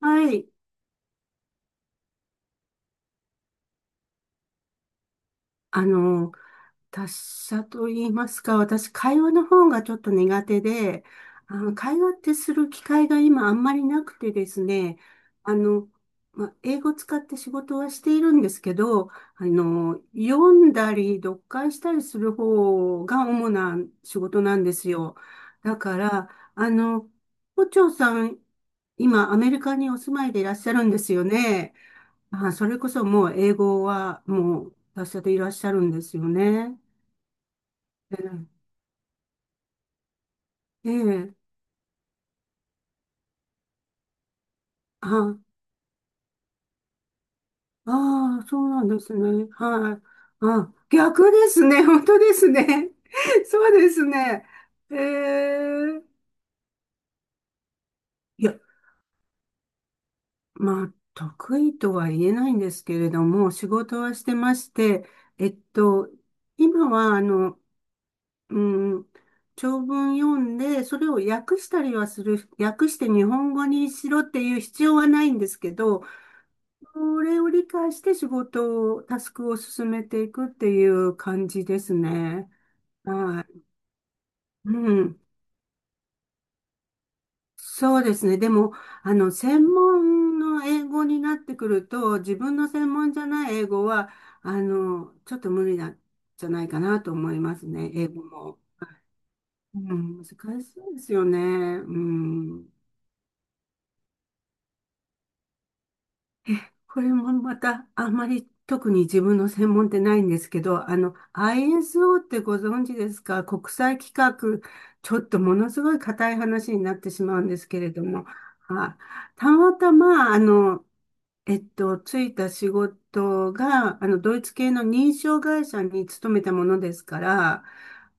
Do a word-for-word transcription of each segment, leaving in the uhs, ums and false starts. はい。あの、達者と言いますか、私、会話の方がちょっと苦手で、あの、会話ってする機会が今あんまりなくてですね、あの、まあ、英語使って仕事はしているんですけど、あの、読んだり読解したりする方が主な仕事なんですよ。だから、あの、胡蝶さん、今、アメリカにお住まいでいらっしゃるんですよね。あ、それこそもう英語はもう達者でいらっしゃるんですよね。ええ、ええあ、ああ、そうなんですね。はい。あ、逆ですね。本当ですね。そうですね。ええ、いや、まあ、得意とは言えないんですけれども、仕事はしてまして、えっと、今は、あの、うん、長文読んで、それを訳したりはする、訳して日本語にしろっていう必要はないんですけど、それを理解して仕事を、タスクを進めていくっていう感じですね。はい。うん。そうですね。でも、あの、専門の英語になってくると、自分の専門じゃない英語は、あの、ちょっと無理なんじゃないかなと思いますね。英語も。うん、難しいですよね。うん。これもまた、あんまり特に自分の専門ってないんですけど、あの、アイエスオー ってご存知ですか？国際規格、ちょっとものすごい硬い話になってしまうんですけれども、はい、たまたま、あの、えっと、ついた仕事が、あの、ドイツ系の認証会社に勤めたものですから、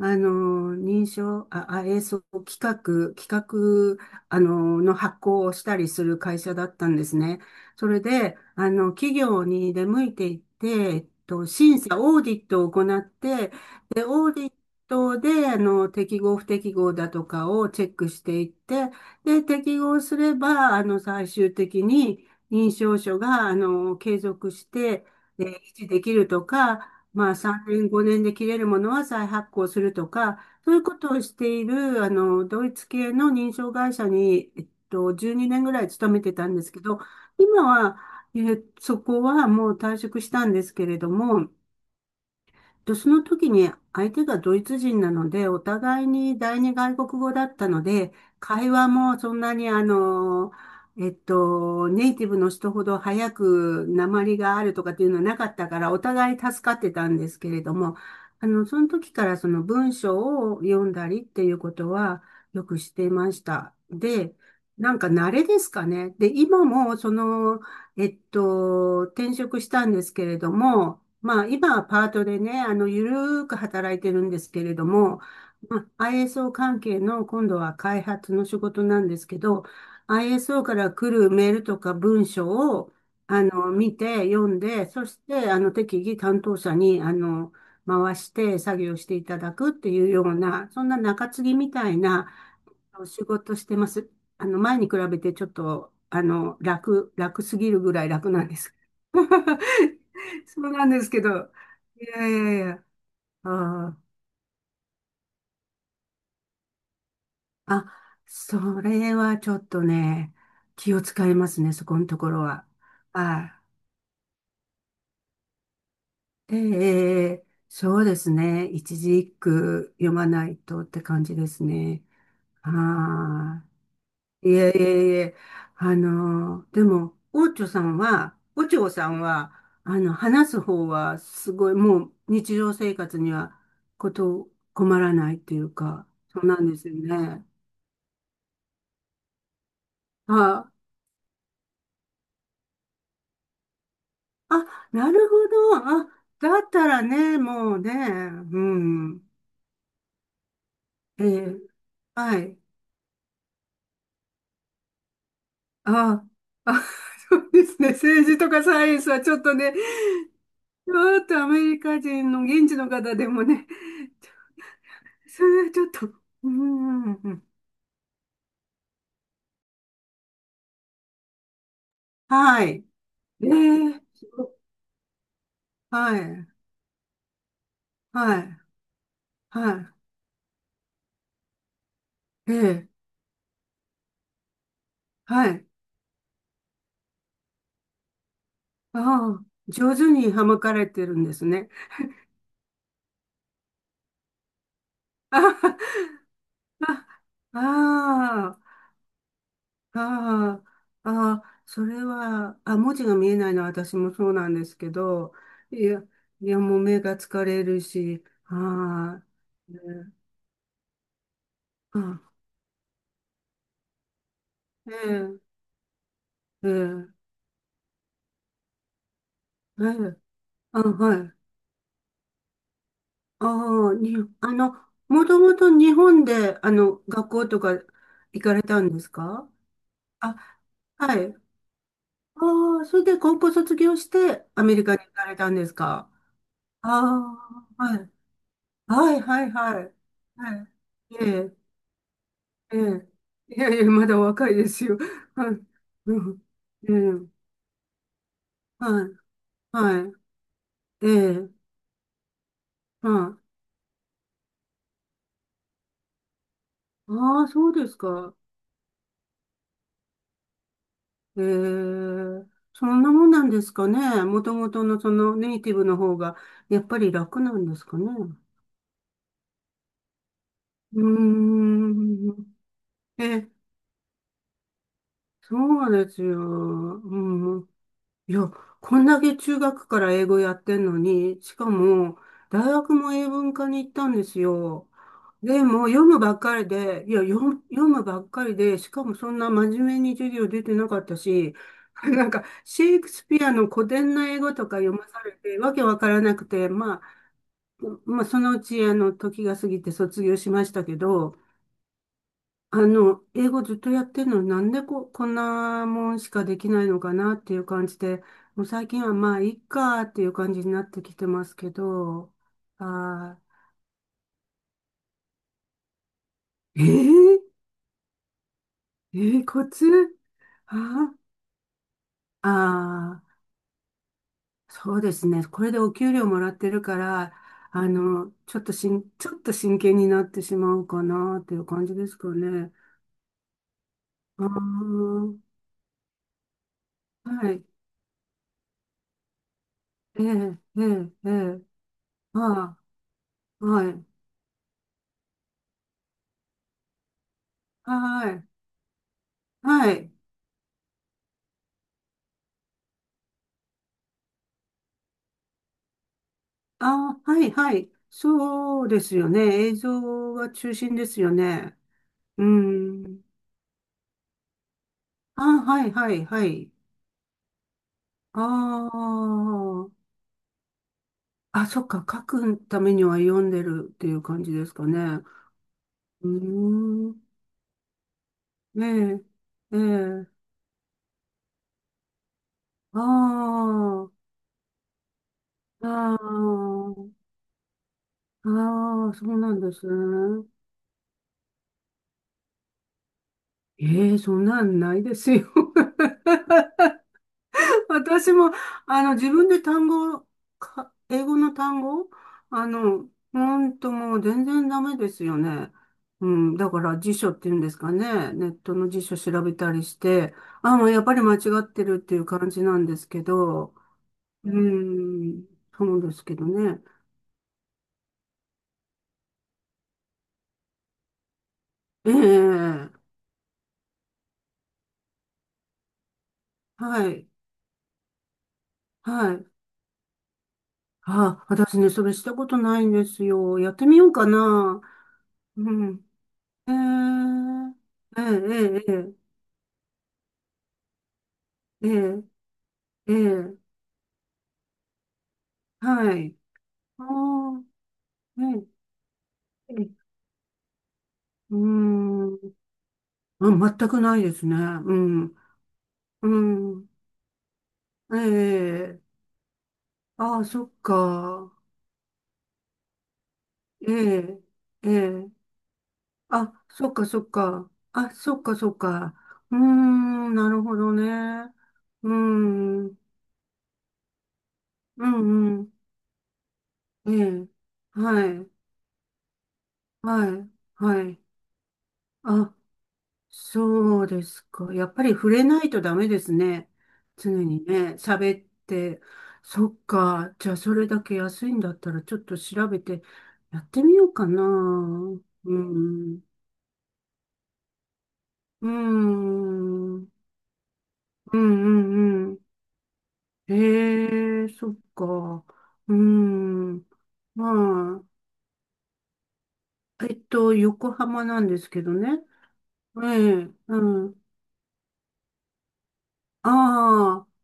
あの、認証、あ、あ、えーそう、企画、企画、あの、の発行をしたりする会社だったんですね。それで、あの、企業に出向いていって、えっと、審査、オーディットを行って、で、オーディットで、あの、適合不適合だとかをチェックしていって、で、適合すれば、あの、最終的に、認証書が、あの、継続して、えー維持できるとか、まあ、さんねん、ごねんで切れるものは再発行するとか、そういうことをしている、あの、ドイツ系の認証会社に、えっと、じゅうにねんぐらい勤めてたんですけど、今は、えーそこはもう退職したんですけれども、で、その時に相手がドイツ人なので、お互いに第二外国語だったので、会話もそんなにあの、えっと、ネイティブの人ほど早く訛りがあるとかっていうのはなかったから、お互い助かってたんですけれども、あの、その時からその文章を読んだりっていうことはよくしていました。で、なんか慣れですかね。で、今もその、えっと、転職したんですけれども、まあ、今はパートでね、あの、ゆるーく働いてるんですけれども、まあ、アイエスオー 関係の今度は開発の仕事なんですけど、アイエスオー から来るメールとか文章を、あの、見て、読んで、そして、あの、適宜担当者に、あの、回して作業していただくっていうような、そんな中継ぎみたいな、お仕事してます。あの、前に比べてちょっと、あの、楽、楽すぎるぐらい楽なんです。そうなんですけど。いやいやいや。あー、あ、それはちょっとね、気を使いますね、そこのところは。あー、ええええそうですね。一字一句読まないとって感じですね。ああ。いえいえいえ、あの、でも、オチョさんは、オチョさんは、あの、話す方は、すごい、もう、日常生活には、こと、困らないっていうか、そうなんですよね。あ、あ、なるほど。あ、だったらね、もうね、うん。ええ、はい。あ、あ、そうですね。政治とかサイエンスはちょっとね、ちょっとアメリカ人の現地の方でもね、それはちょっと、うん、うんうんはい。ええすごいはい、はい、はい、ええはい。ああ、上手にはまかれてるんですね。ああ、ああ、ああ、それは、あ、文字が見えないのは私もそうなんですけど、いや、いや、もう目が疲れるし、ああ、ねああええええええあ、はい。ああ、に、あの、もともと日本で、あの、学校とか行かれたんですか？あ、はい。ああ、それで高校卒業して、アメリカに行かれたんですか？ああ、はい。はい、はい、はい。はい。ええ、ええ。いやいや、まだお若いですよ。はい。うんええ、はい、はい。ええ、はい。ああ、そうですか。ええ、そんなもんなんですかね。もともとのそのネイティブの方が、やっぱり楽なんですかね。うーん。え、そうですよ。うん。いや、こんだけ中学から英語やってんのに、しかも、大学も英文科に行ったんですよ。でも、読むばっかりで、いや、読む、読むばっかりで、しかもそんな真面目に授業出てなかったし、なんか、シェイクスピアの古典な英語とか読まされて、わけわからなくて、まあ、まあ、そのうち、あの、時が過ぎて卒業しましたけど、あの、英語ずっとやってるのになんでこ、こんなもんしかできないのかなっていう感じで、もう最近はまあ、いっかっていう感じになってきてますけど、あー、えー、えー、コツあーあー、そうですね。これでお給料もらってるから、あの、ちょっとしん、ちょっと真剣になってしまうかなっていう感じですかね。あーはい。ええええええああ、はい。はい。はい。あ、はい、はい。そうですよね。映像が中心ですよね。うん。あ、はい、はい、はい。ああ。あ、そっか。書くためには読んでるっていう感じですかね。うーん。ねええ。えああ。ああ。ああ、そうなんですね。ええ、そんなんないですよ。私も、あの、自分で単語を、か英語の単語、あの、ほんともう全然ダメですよね。うん、だから辞書っていうんですかね。ネットの辞書調べたりして、あ、もうやっぱり間違ってるっていう感じなんですけど、うん、そうですけどね。ええ、はい、はい。あ、私ね、それしたことないんですよ。やってみようかな。うん。ええええ、ええ、ええ、ええええ、はい。ああ、ええ、ええうーん。あ、全くないですね。うん。うん。ええ、ああ、そっか。ええ、ええ、あ、そっか、そっか。あ、そっか、そっか。うーん、なるほどね。うーん、うん、うん。ええ、はい、はい、はい。あ、そうですか。やっぱり触れないとダメですね。常にね、喋って。そっか。じゃあ、それだけ安いんだったら、ちょっと調べてやってみようかな。うん。うん。うんうんうん。へえ、そっか。うん。まあ、えっと、横浜なんですけどね。ええ、うん。ああ。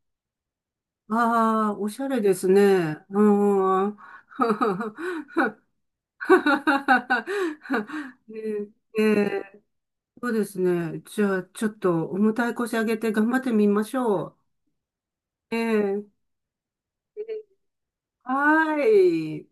ああ、おしゃれですね。うん。ねえええそうですね。じゃあ、ちょっと重たい腰上げて頑張ってみましょう。ええええはーい。